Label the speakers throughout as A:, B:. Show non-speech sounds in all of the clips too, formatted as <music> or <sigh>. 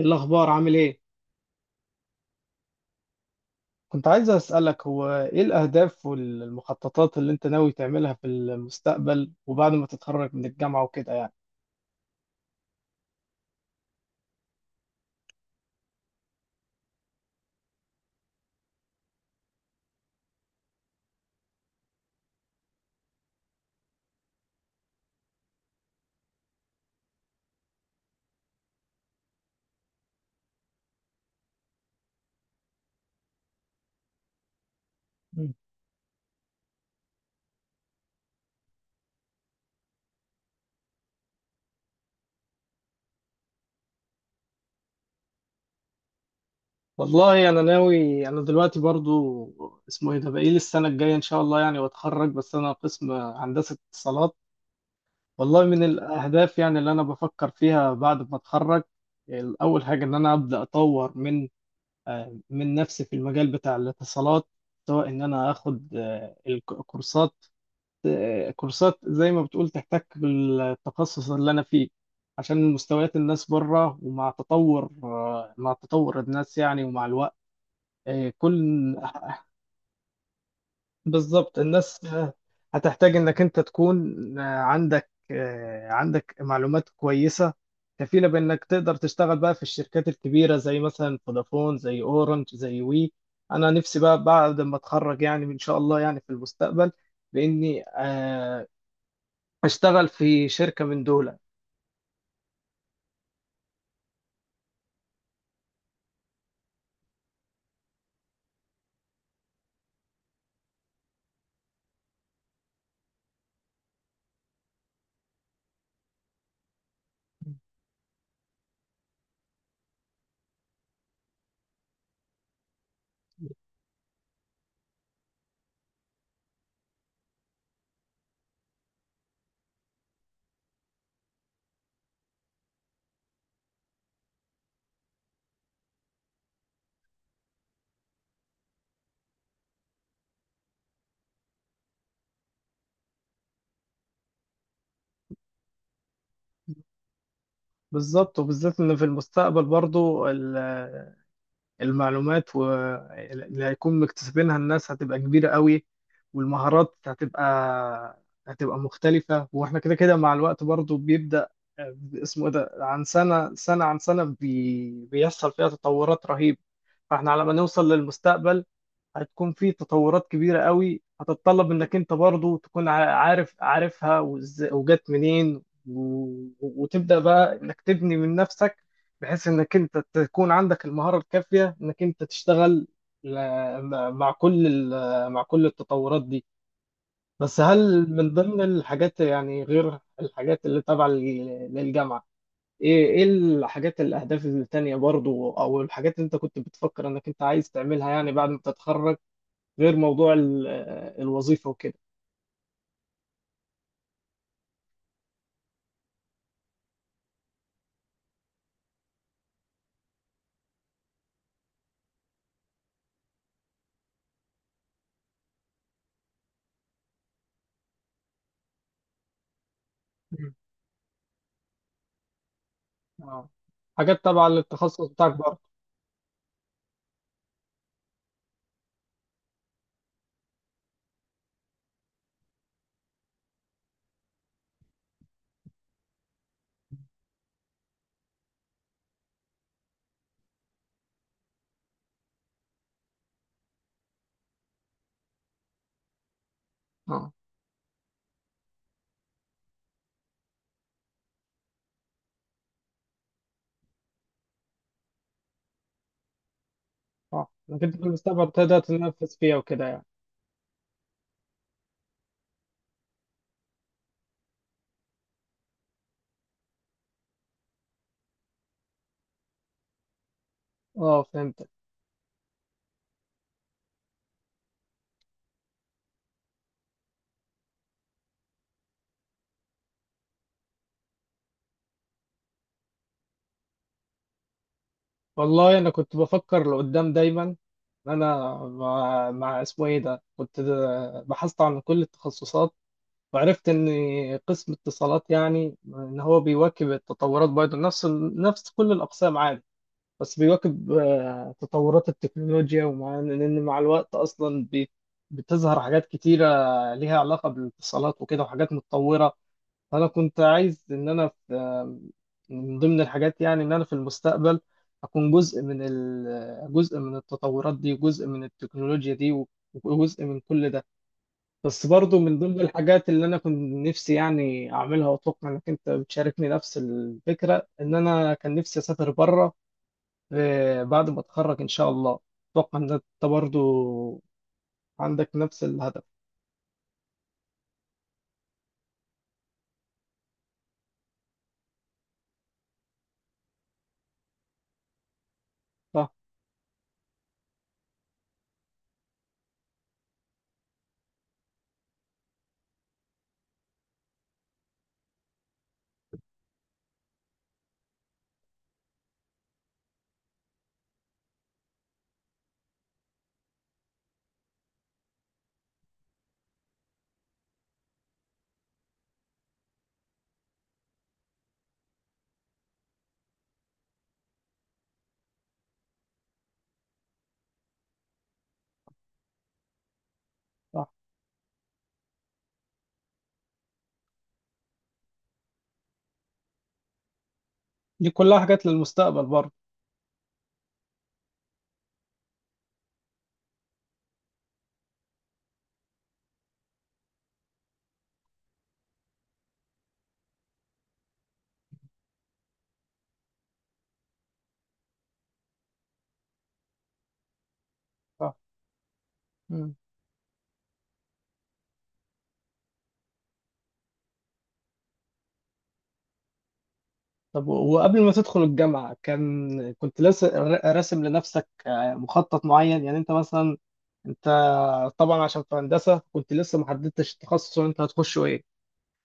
A: الأخبار عامل إيه؟ كنت عايز أسألك هو إيه الأهداف والمخططات اللي أنت ناوي تعملها في المستقبل وبعد ما تتخرج من الجامعة وكده يعني. مم. والله أنا ناوي، أنا دلوقتي برضو اسمه إيه ده بقيل السنة الجاية إن شاء الله يعني وأتخرج، بس أنا قسم هندسة اتصالات. والله من الأهداف يعني اللي أنا بفكر فيها بعد ما أتخرج، أول حاجة إن أنا أبدأ أطور من من نفسي في المجال بتاع الاتصالات، سواء إن أنا آخد الكورسات، كورسات زي ما بتقول تحتك بالتخصص اللي انا فيه، عشان مستويات الناس بره ومع تطور مع تطور الناس يعني ومع الوقت. آه، كل <laughs> بالظبط الناس، هتحتاج انك انت تكون عندك معلومات كويسة كفيلة بانك تقدر تشتغل بقى في الشركات الكبيرة زي مثلا فودافون، زي اورنج، زي وي. انا نفسي بقى بعد ما اتخرج يعني ان شاء الله يعني في المستقبل، باني اشتغل في شركة من دول. بالظبط، وبالذات ان في المستقبل برضو المعلومات اللي هيكون مكتسبينها الناس هتبقى كبيرة قوي، والمهارات هتبقى مختلفة، واحنا كده كده مع الوقت برضو بيبدأ اسمه إيه ده، عن سنة عن سنة، بيحصل فيها تطورات رهيبة. فاحنا على ما نوصل للمستقبل هتكون في تطورات كبيرة قوي، هتتطلب انك انت برضو تكون عارفها وجت منين، وتبدأ بقى انك تبني من نفسك، بحيث انك انت تكون عندك المهارة الكافية انك انت تشتغل مع مع كل التطورات دي. بس هل من ضمن الحاجات، يعني غير الحاجات اللي تابعة للجامعة، ايه الحاجات، الاهداف التانية برضو او الحاجات اللي انت كنت بتفكر انك انت عايز تعملها يعني بعد ما تتخرج، غير موضوع الوظيفة وكده؟ مم. اه، حاجات تبع للتخصص بتاعك برضه. اه. اه، انك انت في المستقبل تقدر تنفذ فيها وكده يعني. اه، فهمتك. والله انا كنت بفكر لقدام دايما، إن انا مع اسمه ايه ده، كنت بحثت عن كل التخصصات، وعرفت ان قسم اتصالات يعني ان هو بيواكب التطورات برضه، نفس نفس كل الاقسام عادي، بس بيواكب تطورات التكنولوجيا، ومع ان إن مع الوقت اصلا بتظهر حاجات كتيرة ليها علاقة بالاتصالات وكده، وحاجات متطورة. فانا كنت عايز ان انا في من ضمن الحاجات يعني، ان انا في المستقبل اكون جزء من جزء من التطورات دي، وجزء من التكنولوجيا دي، وجزء من كل ده، بس برضو من ضمن الحاجات اللي انا كنت نفسي يعني اعملها، واتوقع انك انت بتشاركني نفس الفكرة، ان انا كان نفسي اسافر بره بعد ما اتخرج ان شاء الله. اتوقع ان انت برضو عندك نفس الهدف. صح. صح، دي كلها حاجات للمستقبل برضو. صح. مم. طب، وقبل ما تدخل الجامعة كان كنت لسه راسم لنفسك مخطط معين، يعني انت مثلا انت طبعا عشان في هندسة كنت لسه ما حددتش التخصص اللي انت هتخشه ايه،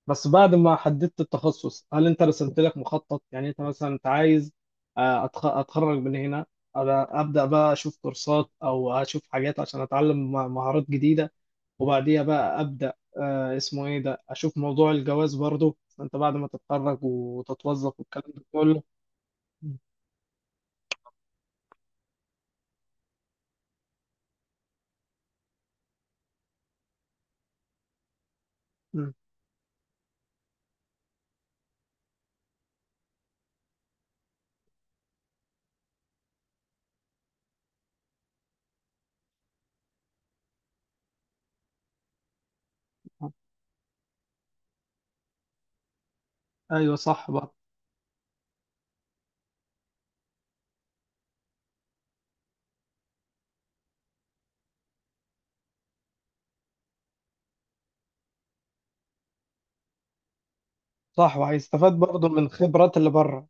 A: بس بعد ما حددت التخصص هل انت رسمت لك مخطط، يعني انت مثلا انت عايز اتخرج من هنا، أنا ابدا بقى اشوف كورسات او اشوف حاجات عشان اتعلم مهارات جديده، وبعديها بقى ابدا اسمه ايه ده اشوف موضوع الجواز برضو انت بعد ما تتخرج وتتوظف والكلام ده كله؟ م- م. ايوه، صح بقى. صح، وهيستفاد برضو من خبرات اللي بره.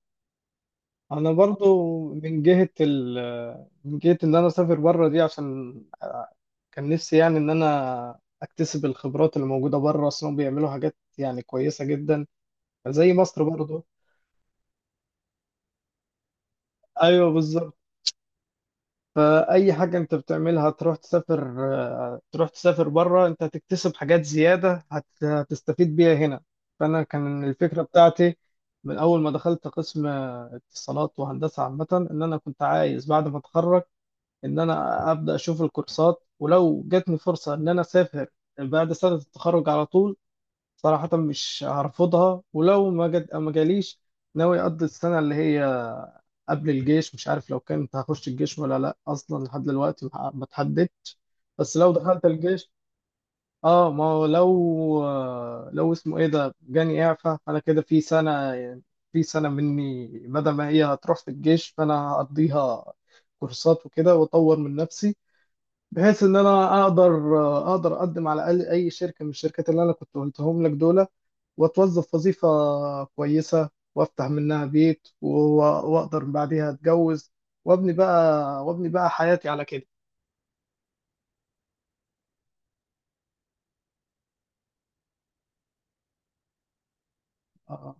A: انا برضو من جهة من جهة ان انا اسافر بره دي، عشان كان نفسي يعني ان انا اكتسب الخبرات اللي موجودة بره، اصلا بيعملوا حاجات يعني كويسة جدا زي مصر برضو. ايوه، بالظبط. فاي حاجة انت بتعملها تروح تسافر بره انت هتكتسب حاجات زيادة هتستفيد بيها هنا. فانا كان الفكرة بتاعتي من اول ما دخلت قسم اتصالات وهندسة عامة، ان انا كنت عايز بعد ما اتخرج ان انا ابدا اشوف الكورسات، ولو جاتني فرصه ان انا اسافر بعد سنه التخرج على طول صراحه مش هرفضها، ولو ما جت ما جاليش ناوي اقضي السنه اللي هي قبل الجيش. مش عارف لو كنت هخش الجيش ولا لا، اصلا لحد دلوقتي ما اتحددتش. بس لو دخلت الجيش، اه، ما هو لو اسمه ايه ده جاني اعفاء، انا كده في سنه، مني بدل ما هي هتروح في الجيش فانا هقضيها كورسات وكده، واطور من نفسي، بحيث ان انا اقدر اقدم على الاقل اي شركه من الشركات اللي انا كنت قلتهم لك دول، واتوظف وظيفه كويسه، وافتح منها بيت واقدر بعديها اتجوز، وابني بقى، حياتي على كده. آه.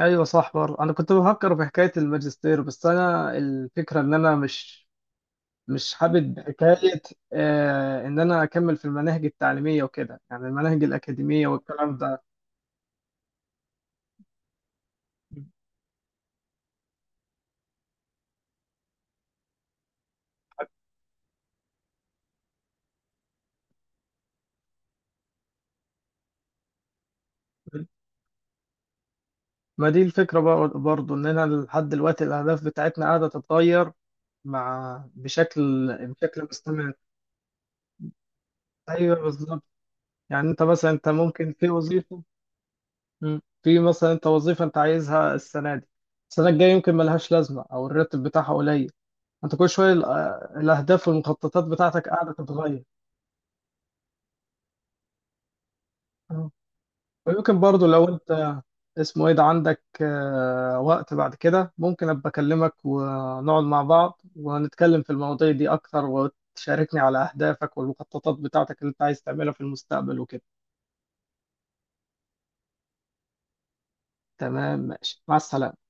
A: ايوه، صح برضه، انا كنت بفكر في حكايه الماجستير، بس انا الفكره ان انا مش حابب حكايه، آه، ان انا اكمل في المناهج التعليميه وكده، يعني المناهج الاكاديميه والكلام ده. ما دي الفكرة، برضو إننا لحد دلوقتي الأهداف بتاعتنا قاعدة تتغير مع بشكل بشكل مستمر. أيوه، بالظبط، يعني أنت مثلا أنت ممكن في وظيفة. مم. في مثلا أنت وظيفة أنت عايزها السنة دي، السنة الجاية يمكن ملهاش لازمة أو الراتب بتاعها قليل، أنت كل شوية الأهداف والمخططات بتاعتك قاعدة تتغير. ويمكن برضو، لو انت اسمه ايه ده عندك وقت بعد كده، ممكن ابقى اكلمك ونقعد مع بعض ونتكلم في المواضيع دي اكتر، وتشاركني على اهدافك والمخططات بتاعتك اللي انت عايز تعملها في المستقبل وكده. تمام، ماشي، مع السلامة.